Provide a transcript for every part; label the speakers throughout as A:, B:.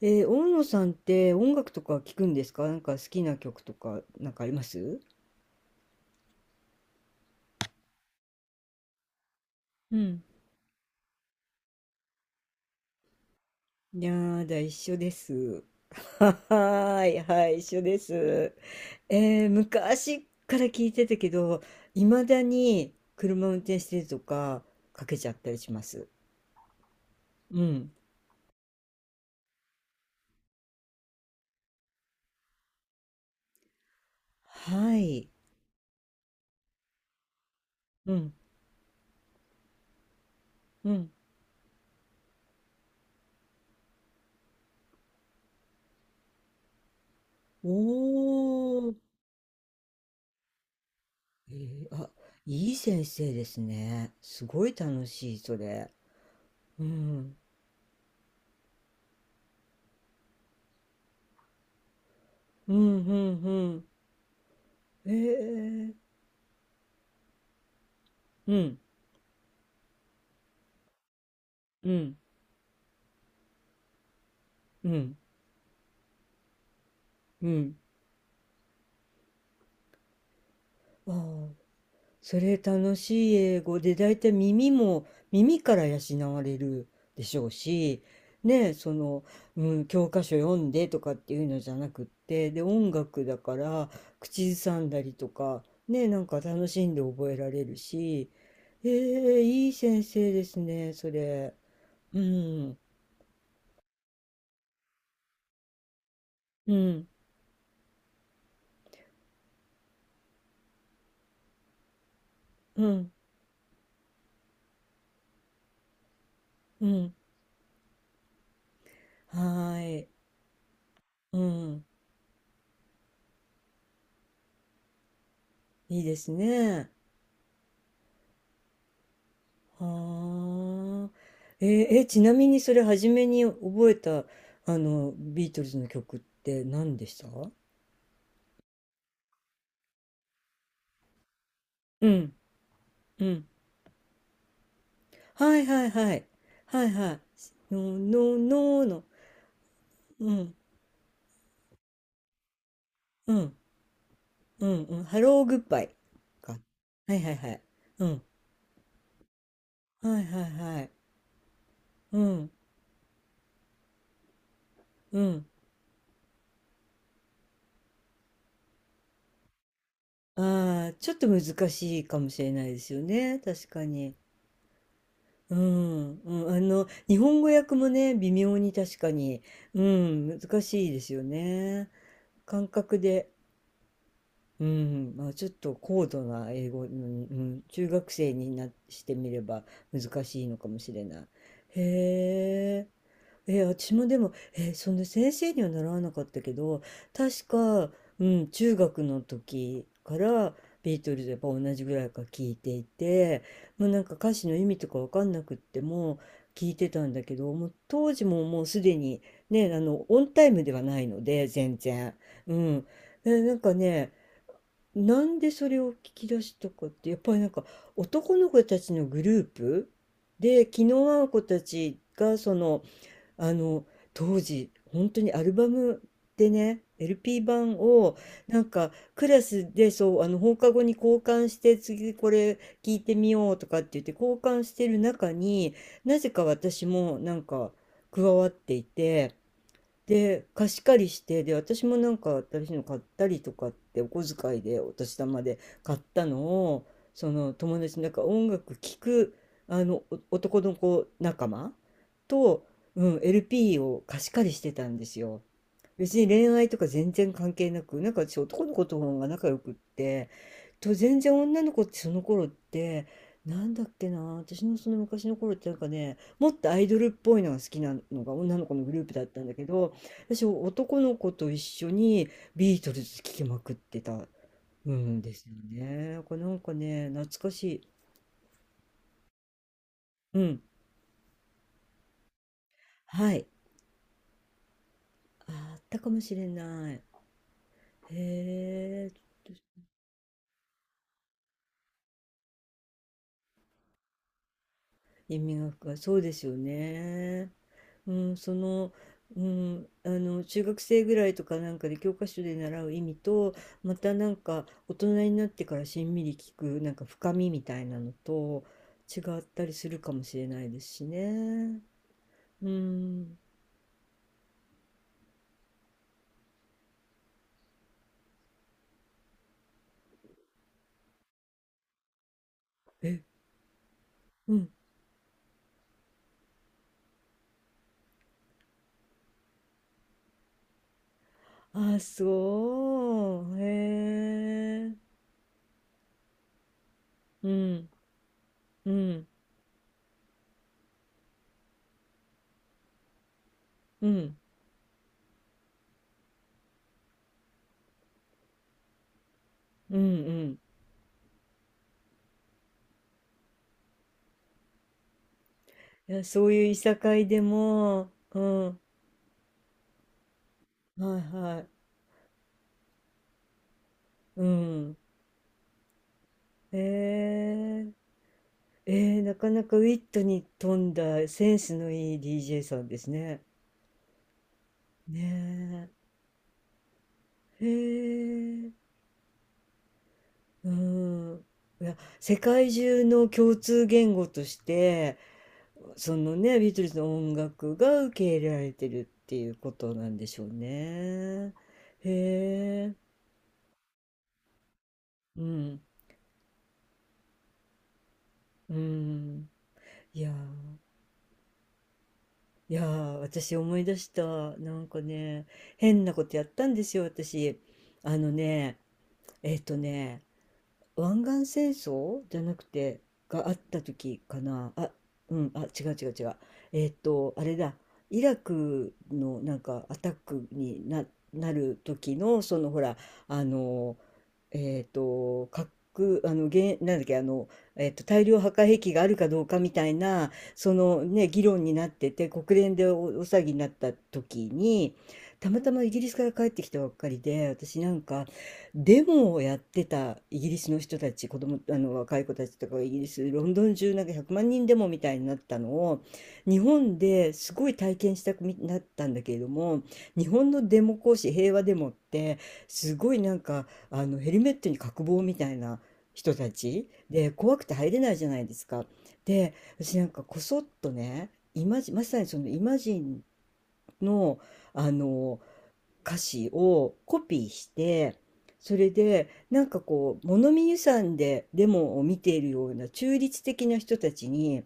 A: 大野さんって音楽とか聞くんですか？なんか好きな曲とかなんかあります？うん。いやーだ、一緒です。ははーい、はい、一緒です。昔から聞いてたけど、いまだに車運転してるとかかけちゃったりします。うん。はい。うん、うん。おー。あ、いい先生ですね。すごい楽しい、それ。うん。うん、うん、ええ。うん、うん、うん、うん。ああ、それ楽しい英語で、だいたい耳も、耳から養われるでしょうし、ねえ、その、うん、教科書読んでとかっていうのじゃなくって、で、音楽だから、口ずさんだりとか、ねえ、なんか楽しんで覚えられるし、ええ、いい先生ですね、それ。うん、うん、うん、うん、はーい、うん、いいですね。はあ。えーえ、ちなみにそれ初めに覚えた、あの、ビートルズの曲って何でした？うん、うん。はいはいはい。はいはい。ノーノーノーの。うん、うん、うん、うん。ハローグッバイ。か。はいはいはい。うん。はいはいはい。うん、うん。ああ、ちょっと難しいかもしれないですよね。確かに。うん、うん、あの、日本語訳もね、微妙に確かに、うん、難しいですよね。感覚で、うん、まあ、ちょっと高度な英語に、うん、中学生になしてみれば難しいのかもしれない。へえ。私もでも、その先生には習わなかったけど、確か、うん、中学の時からビートルズやっぱ同じぐらいから聞いていて、もうなんか歌詞の意味とかわかんなくっても聞いてたんだけど、もう当時ももうすでにね、オンタイムではないので、全然。うん。でなんかね、なんでそれを聞き出したかって、やっぱりなんか男の子たちのグループで、気の合う子たちがあの当時本当にアルバムでね LP 版をなんかクラスでそうあの放課後に交換して次これ聞いてみようとかって言って交換してる中になぜか私もなんか加わっていて、で、貸し借りして、で、私もなんか新しいの買ったりとかって、お小遣いでお年玉で買ったのを、その友達、なんか音楽聴く、あの、お男の子仲間と、うん、LP を貸し借りしてたんですよ。別に恋愛とか全然関係なく、なんか私男の子と方が仲良くって、と全然女の子ってその頃って、なんだっけな、私のその昔の頃ってなんかね、もっとアイドルっぽいのが好きなのが女の子のグループだったんだけど、私、男の子と一緒にビートルズ聴きまくってた、うんですよね。なんかなんかね、懐かしい。うん。はい。あ、あったかもしれない。へえ、意味が深い。そうですよね。うん、その、うん、中学生ぐらいとかなんかで教科書で習う意味と、またなんか大人になってからしんみり聞く、なんか深みみたいなのと違ったりするかもしれないですしね。うん。え、うん。あ、そう。へえ。うん、うん、うん、うん、うん。いや、そういういさかいでも、うん、はいはい、うん。へえ。なかなかウィットに富んだセンスのいい DJ さんですね。ねえ。へえ。うん。いや、世界中の共通言語として、そのね、ビートルズの音楽が受け入れられてるっていうことなんでしょうね。へえ、うん、うん。いやー、いやー、私思い出した。なんかね、変なことやったんですよ、私。あのね、えっとね、湾岸戦争じゃなくてがあった時かなあ？うん、あ、違う違う違う、あれだ、イラクのなんかアタックになる時のそのほらあの核あのげんなんだっけあの、大量破壊兵器があるかどうかみたいなそのね議論になってて、国連でお騒ぎになった時にたまたまイギリスから帰ってきたばっかりで、私なんかデモをやってたイギリスの人たち、子供、あの若い子たちとかがイギリス、ロンドン中なんか100万人デモみたいになったのを、日本ですごい体験したくなったんだけれども、日本のデモ行使、平和デモって、すごいなんか、あのヘルメットに角棒みたいな人たちで、怖くて入れないじゃないですか。で、私なんかこそっとね、イマジン、まさにそのイマジンの、あの、歌詞をコピーして、それでなんかこう物見遊山でデモを見ているような中立的な人たちに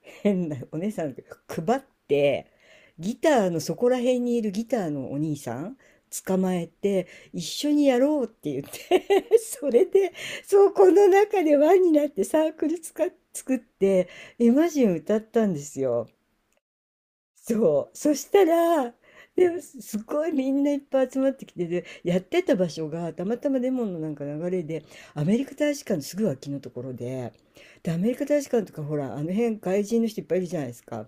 A: 変なお姉さん配って、ギターのそこら辺にいるギターのお兄さん捕まえて、一緒にやろうって言って それで、そうこの中で輪になってサークルつか作って、「イマジン」歌ったんですよ。そう。そしたら、でもすごいみんないっぱい集まってきて、で、やってた場所がたまたまレモンのなんか流れで、アメリカ大使館のすぐ脇のところで、で、アメリカ大使館とかほら、あの辺外人の人いっぱいいるじゃないですか。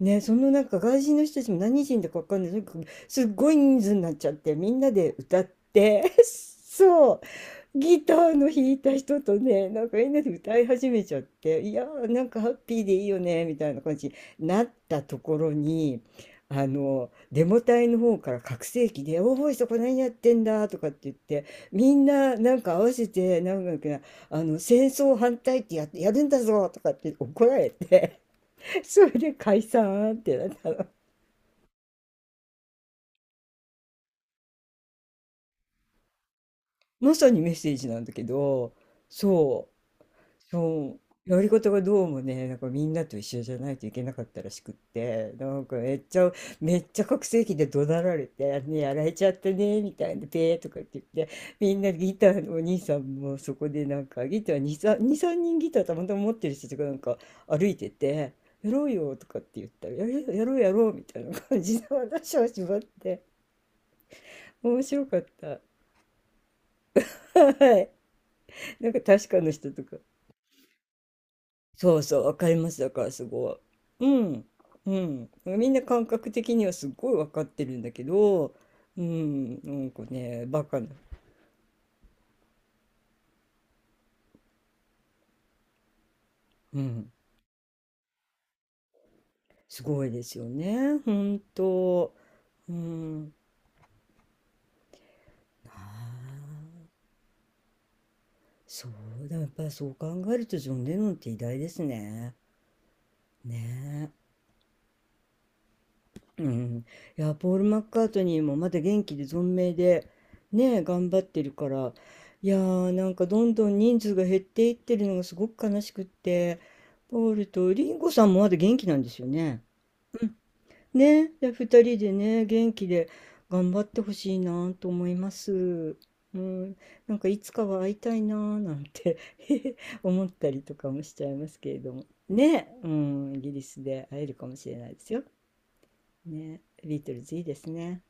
A: ね、そのなんか外人の人たちも何人だかわかんない。とにかくすっごい人数になっちゃって、みんなで歌って、そう。ギターの弾いた人とね、なんかみんなで歌い始めちゃって、いやー、なんかハッピーでいいよね、みたいな感じになったところに、デモ隊の方から拡声器で、おおい、そこ何やってんだとかって言って、みんななんか合わせて、なんだっけな、戦争反対ってやるんだぞとかって怒られて それで解散ってなったの。まさにメッセージなんだけど、そう。そう。やり方がどうもね、なんかみんなと一緒じゃないといけなかったらしくって、なんかめっちゃ拡声器で怒鳴られて、ね、やられちゃったね、みたいな、ペーとかって言って、みんなギターのお兄さんもそこでなんか、ギター2、3、2、3人ギターたまたま持ってる人とかなんか歩いてて、やろうよとかって言ったら、やるよやろうやろうみたいな感じで話をしまって、面白かった。はい。なんか確かの人とか。そうそう、わかります。だからすごい。うん。うん。みんな感覚的にはすごいわかってるんだけど、うん。なんかね、バカな。うん。すごいですよね。本当。うん。ああ、そうだ。やっぱりそう考えるとジョン・レノンって偉大ですね。ねえ。うん、いや、ポール・マッカートニーもまだ元気で存命でね頑張ってるから、いやーなんかどんどん人数が減っていってるのがすごく悲しくって、ポールとリンゴさんもまだ元気なんですよね。うんね、で2人でね元気で頑張ってほしいなと思います。うん、なんかいつかは会いたいななんて 思ったりとかもしちゃいますけれどもね、うん、イギリスで会えるかもしれないですよ。ね、ビートルズいいですね。